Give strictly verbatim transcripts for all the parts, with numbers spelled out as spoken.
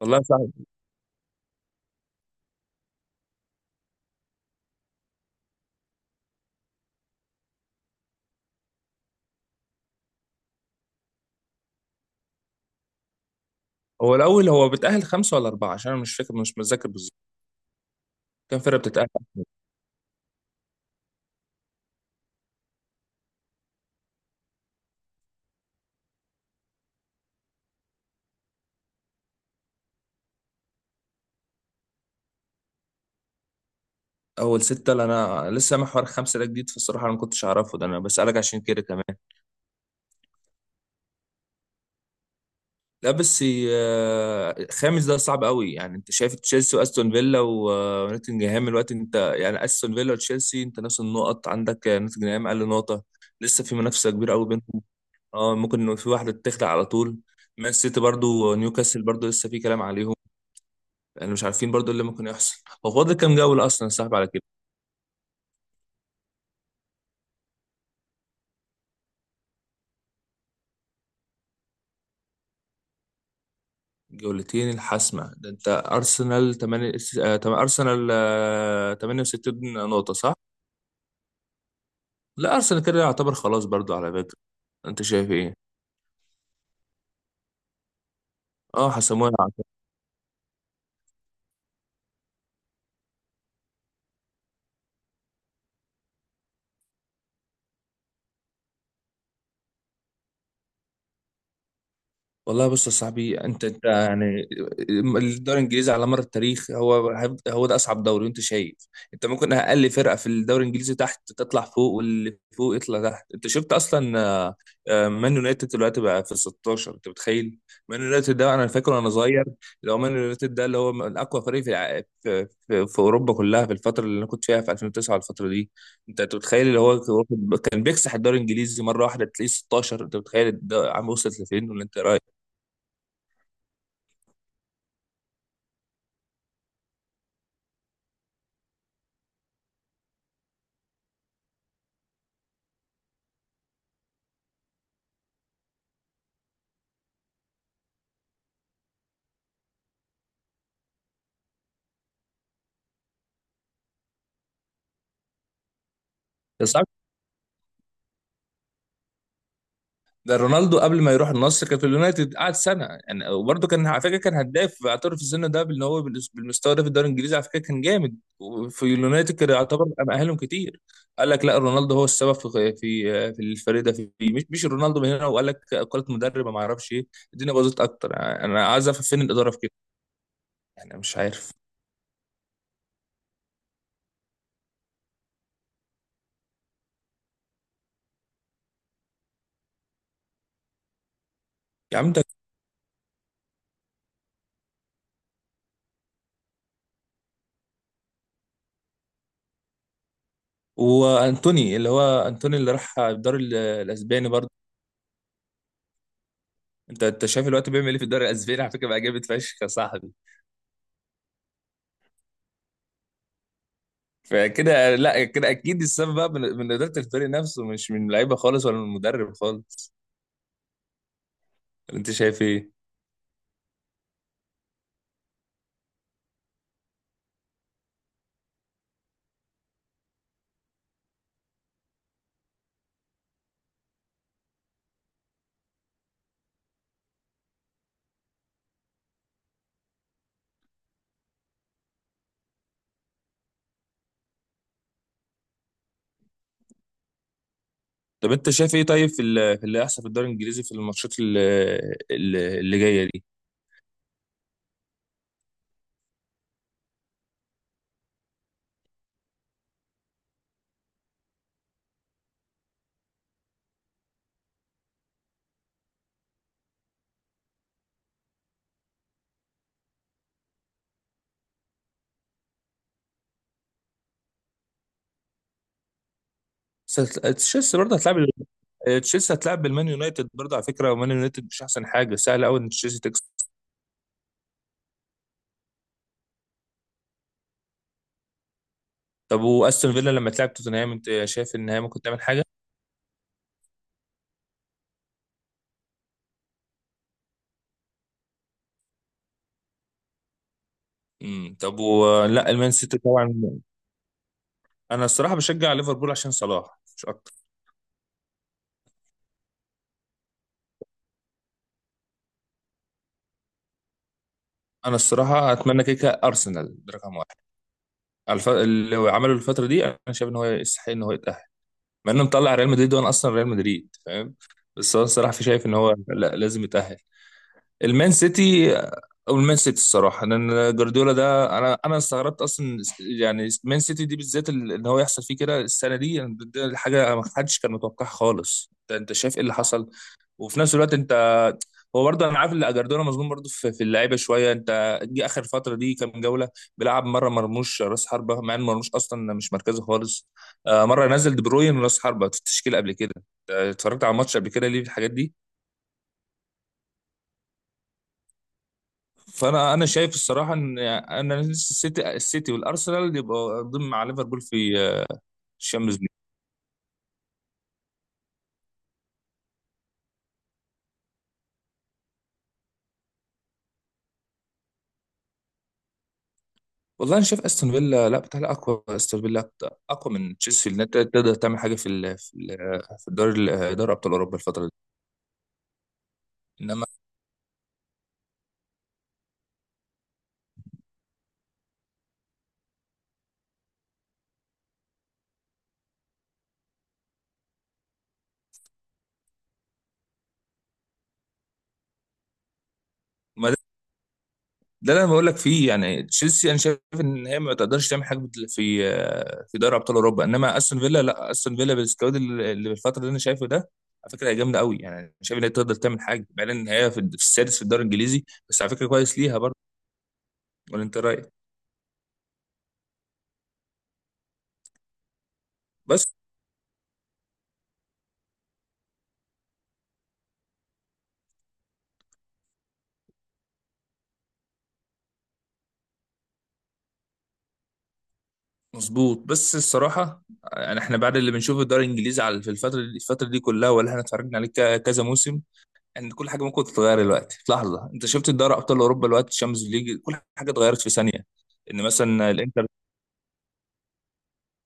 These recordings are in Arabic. والله صعب. هو الاول هو بيتاهل خمسه ولا اربعه، عشان انا مش فاكر، مش متذكر بالظبط كام فرقه بتتاهل. اول سته؟ لا، انا لسه محور خمسه ده جديد، فالصراحه انا ما كنتش اعرفه، ده انا بسالك عشان كده كمان. لا بس آه، خامس ده صعب قوي. يعني انت شايف تشيلسي واستون فيلا و- آه، ونوتنجهام الوقت، انت يعني استون فيلا وتشيلسي انت نفس النقط عندك، آه، نوتنجهام اقل نقطه. لسه في منافسه كبيره قوي بينهم. اه ممكن إنه في واحده تخلع على طول. مان سيتي برضو، نيوكاسل برضو لسه في كلام عليهم. لان مش عارفين برضو إيه اللي ممكن يحصل. هو فاضل كام جوله اصلا يا صاحبي على كده؟ جولتين الحاسمه. ده انت ارسنال ثمانية آه، تم- ارسنال آه، تمانية وستين نقطه صح؟ لا ارسنال كده يعتبر خلاص برضو على فكره. انت شايف ايه؟ اه حسموها. والله بص يا صاحبي، انت انت يعني الدوري الانجليزي على مر التاريخ هو هو ده اصعب دوري، وانت شايف. انت ممكن اقل فرقه في الدوري الانجليزي تحت تطلع فوق، واللي فوق يطلع تحت. انت شفت اصلا آه، آه، مان يونايتد دلوقتي بقى في ستاشر، انت متخيل؟ مان يونايتد ده انا فاكر وانا صغير، اللي هو مان يونايتد ده اللي هو من اقوى فريق في الع- في, في, في اوروبا كلها، في الفتره اللي انا كنت فيها في ألفين وتسعة الفتره دي. انت أنت متخيل اللي هو كان واخد- كان بيكسح الدوري الانجليزي مره واحده تلاقيه ستاشر. انت متخيل الد- عم وصلت لفين ولا انت؟ بس عارف، ده رونالدو قبل ما يروح النصر كان في اليونايتد قعد سنه يعني، وبرده كان على فكره كان هداف، اعترف في السن ده بان هو بالس- بالمستوى ده في الدوري الانجليزي، على فكره كان جامد، وفي اليونايتد كان يعتبر مأهلهم كتير. قال لك لا، رونالدو هو السبب في في في الفريق ده، في مش مش رونالدو من هنا، وقال لك قالت مدرب ما اعرفش ايه. الدنيا باظت اكتر، يعني انا عايز افهم فين الاداره في كده. يعني مش عارف. يا عم ده، وانتوني، اللي هو انتوني اللي راح الدوري ال- الاسباني برضه. انت انت شايف الوقت بيعمل ايه في الدوري الاسباني؟ على فكره بقى جامد فشخ يا صاحبي. فكده لا، كده اكيد السبب بقى من من اداره الفريق نفسه، مش من لعيبه خالص ولا من المدرب خالص. انت شايف ايه؟ طب انت شايف ايه طيب في ال- في اللي هيحصل في الدوري الانجليزي في الماتشات ال- ال- اللي جايه دي؟ س- تشيلسي برضه هتلعب، تشيلسي هتلعب بالمان يونايتد برضه على فكره، ومان يونايتد مش احسن حاجه، سهل قوي ان تشيلسي تكسب. طب واستون فيلا لما تلعب توتنهام انت شايف ان هي ممكن تعمل حاجه؟ امم طب ولا المان سيتي طبعا. انا الصراحه بشجع ليفربول عشان صلاح مش اكتر. انا الصراحه اتمنى كيكه ارسنال ده رقم واحد، على الف... اللي هو عمله الفتره دي انا شايف ان هو يستحق ان هو يتاهل، مع انه مطلع ريال مدريد، وانا اصلا ريال مدريد فاهم، بس انا الصراحه في شايف ان هو لا لازم يتاهل. المان سيتي، او المان سيتي الصراحه، لان جوارديولا ده انا انا استغربت اصلا، يعني مان سيتي دي بالذات ال- ان هو يحصل فيه كده السنه دي، يعني ده حاجه ما حدش كان متوقعها خالص. ده انت شايف ايه اللي حصل؟ وفي نفس الوقت انت، هو برضه انا عارف ان اجردونا مظلوم برضه في, في اللعيبه شويه. انت جه اخر فتره دي كام جوله بيلعب مره مرموش راس حربه، مع ان مرموش اصلا مش مركزه خالص. آه، مره نزل دي بروين راس حربه في التشكيل قبل كده، آه، اتفرجت على الماتش قبل كده، ليه في الحاجات دي؟ فانا انا شايف الصراحه ان انا السيتي السيتي والارسنال يبقوا ضمن مع ليفربول في آه، الشامبيونز ليج. والله انا شايف استون فيلا، لا بتاع، اقوى، استون فيلا اقوى من تشيلسي انها تقدر تعمل حاجه في ال- في ال- في الدوري ال- دوري ابطال اوروبا الفتره دي. انما ما ده، ده اللي انا بقول لك فيه. يعني تشيلسي انا شايف ان هي ما تقدرش تعمل حاجه في آه، في دوري ابطال اوروبا، انما استون فيلا لا، استون فيلا بالسكواد اللي اللي بالفتره اللي انا شايفه ده، على فكره هي جامده قوي. يعني أنا شايف ان هي تقدر تعمل حاجه، بعدين ان هي في في السادس في الدوري الانجليزي، بس على فكره كويس ليها برضه. ولا انت رايك؟ بس مظبوط، بس الصراحه يعني احنا بعد اللي بنشوفه في الدوري الانجليزي على في الفتره دي، الفتره دي كلها ولا احنا اتفرجنا عليه ك- كذا موسم، ان كل حاجه ممكن تتغير دلوقتي في لحظه. انت شفت الدوري ابطال اوروبا دلوقتي الشامبيونز ليج كل حاجه اتغيرت في ثانيه. ان مثلا الانتر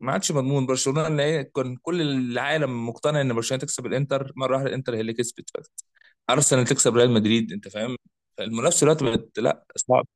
ما عادش مضمون، برشلونه اللي هي كان كل العالم مقتنع ان برشلونه تكسب الانتر، مره واحده الانتر هي اللي كسبت. ارسنال تكسب ريال مدريد، انت فاهم؟ المنافسه دلوقتي بقت لا صعب.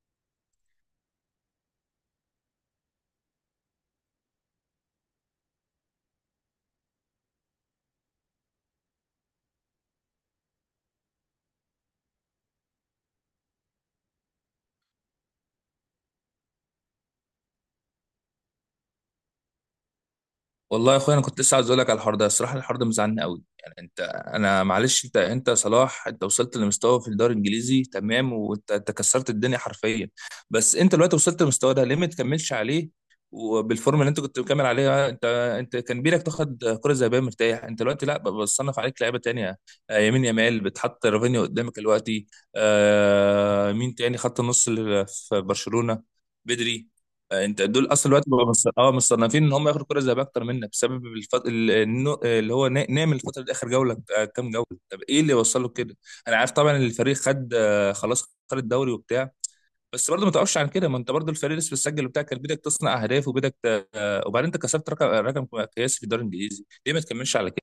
والله يا اخويا انا كنت لسه عايز اقول لك على الحوار ده، الصراحه الحوار ده مزعلني قوي. يعني انت، انا معلش انت، انت صلاح، انت وصلت لمستوى في الدوري الانجليزي تمام، وانت انت كسرت الدنيا حرفيا. بس انت دلوقتي وصلت للمستوى ده ليه ما تكملش عليه وبالفورم اللي انت كنت مكمل عليها؟ انت، انت كان بيلك تاخد كره ذهبيه مرتاح. انت دلوقتي لا ب- بصنف عليك لعيبه تانية، آه، يمين يمال بتحط رافينيا قدامك دلوقتي، آه، مين تاني خط النص اللي في برشلونه، بدري. آه، انت دول اصلا دلوقتي بقوا مص- اه مصنفين ان هم ياخدوا كره ذهبيه اكتر منك، بسبب الفت... ال- النو... اللي هو نا- نعمل الفتره دي اخر جوله، آه، كام جوله؟ طب ايه اللي وصله كده؟ انا عارف طبعا ان الفريق خد، آه، خلاص خد الدوري وبتاع، بس برضه ما توقفش عن كده. ما انت برضه الفريق لسه بتسجل وبتاع، كان بدك تصنع اهداف وبدك ت... وبعدين انت كسبت رقم رقم قياسي في الدوري الانجليزي، ليه ما تكملش على كده؟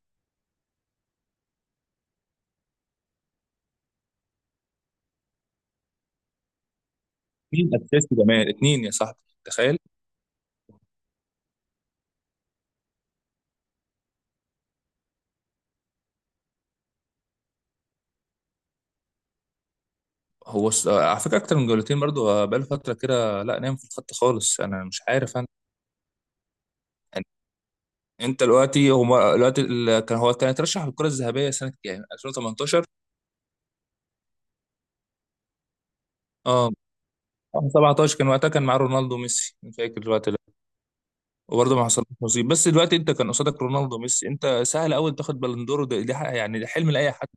مين اساسي كمان اتنين يا صاحبي، تخيل. هو الص- على فكره اكتر من جولتين برضه، آه، بقاله فتره كده لا نام في الخط خالص، انا مش عارف انا. انت دلوقتي، هما دلوقتي ال- كان هو كان اترشح للكرة الذهبية سنة كام؟ ألفين وتمنتاشر. اه سبعتاشر كان وقتها، كان معاه رونالدو وميسي، مش فاكر الوقت ده. وبرضه ما حصلش نصيب، بس دلوقتي انت كان قصادك رونالدو وميسي، انت سهل قوي تاخد بالندور، ده, ده حق- يعني ده حلم لاي حد.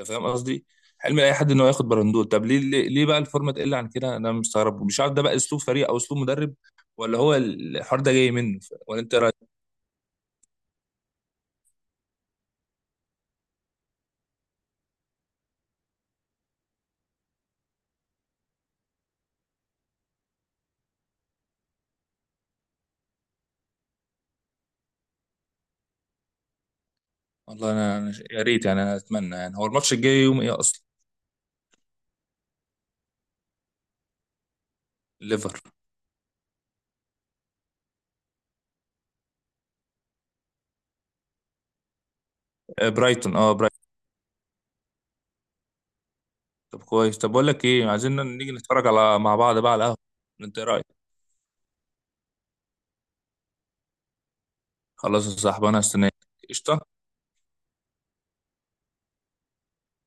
انت فاهم قصدي؟ حلم لاي حد ان هو ياخد بالندور. طب ليه، ليه ليه بقى الفورمه تقل عن كده؟ انا مستغرب، مش عارف، ده بقى اسلوب فريق او اسلوب مدرب، ولا هو الحوار ده جاي منه؟ ولا انت إيه رايك؟ والله انا، أنا ش- يا ريت، يعني انا اتمنى، يعني هو الماتش الجاي يوم ايه اصلا؟ ليفر آه، برايتون، اه برايتون. طب كويس. طب بقول لك ايه، عايزين نيجي نتفرج على مع بعض بقى على القهوة، انت ايه رأيك؟ خلاص يا صاحبي، انا هستناك. قشطة.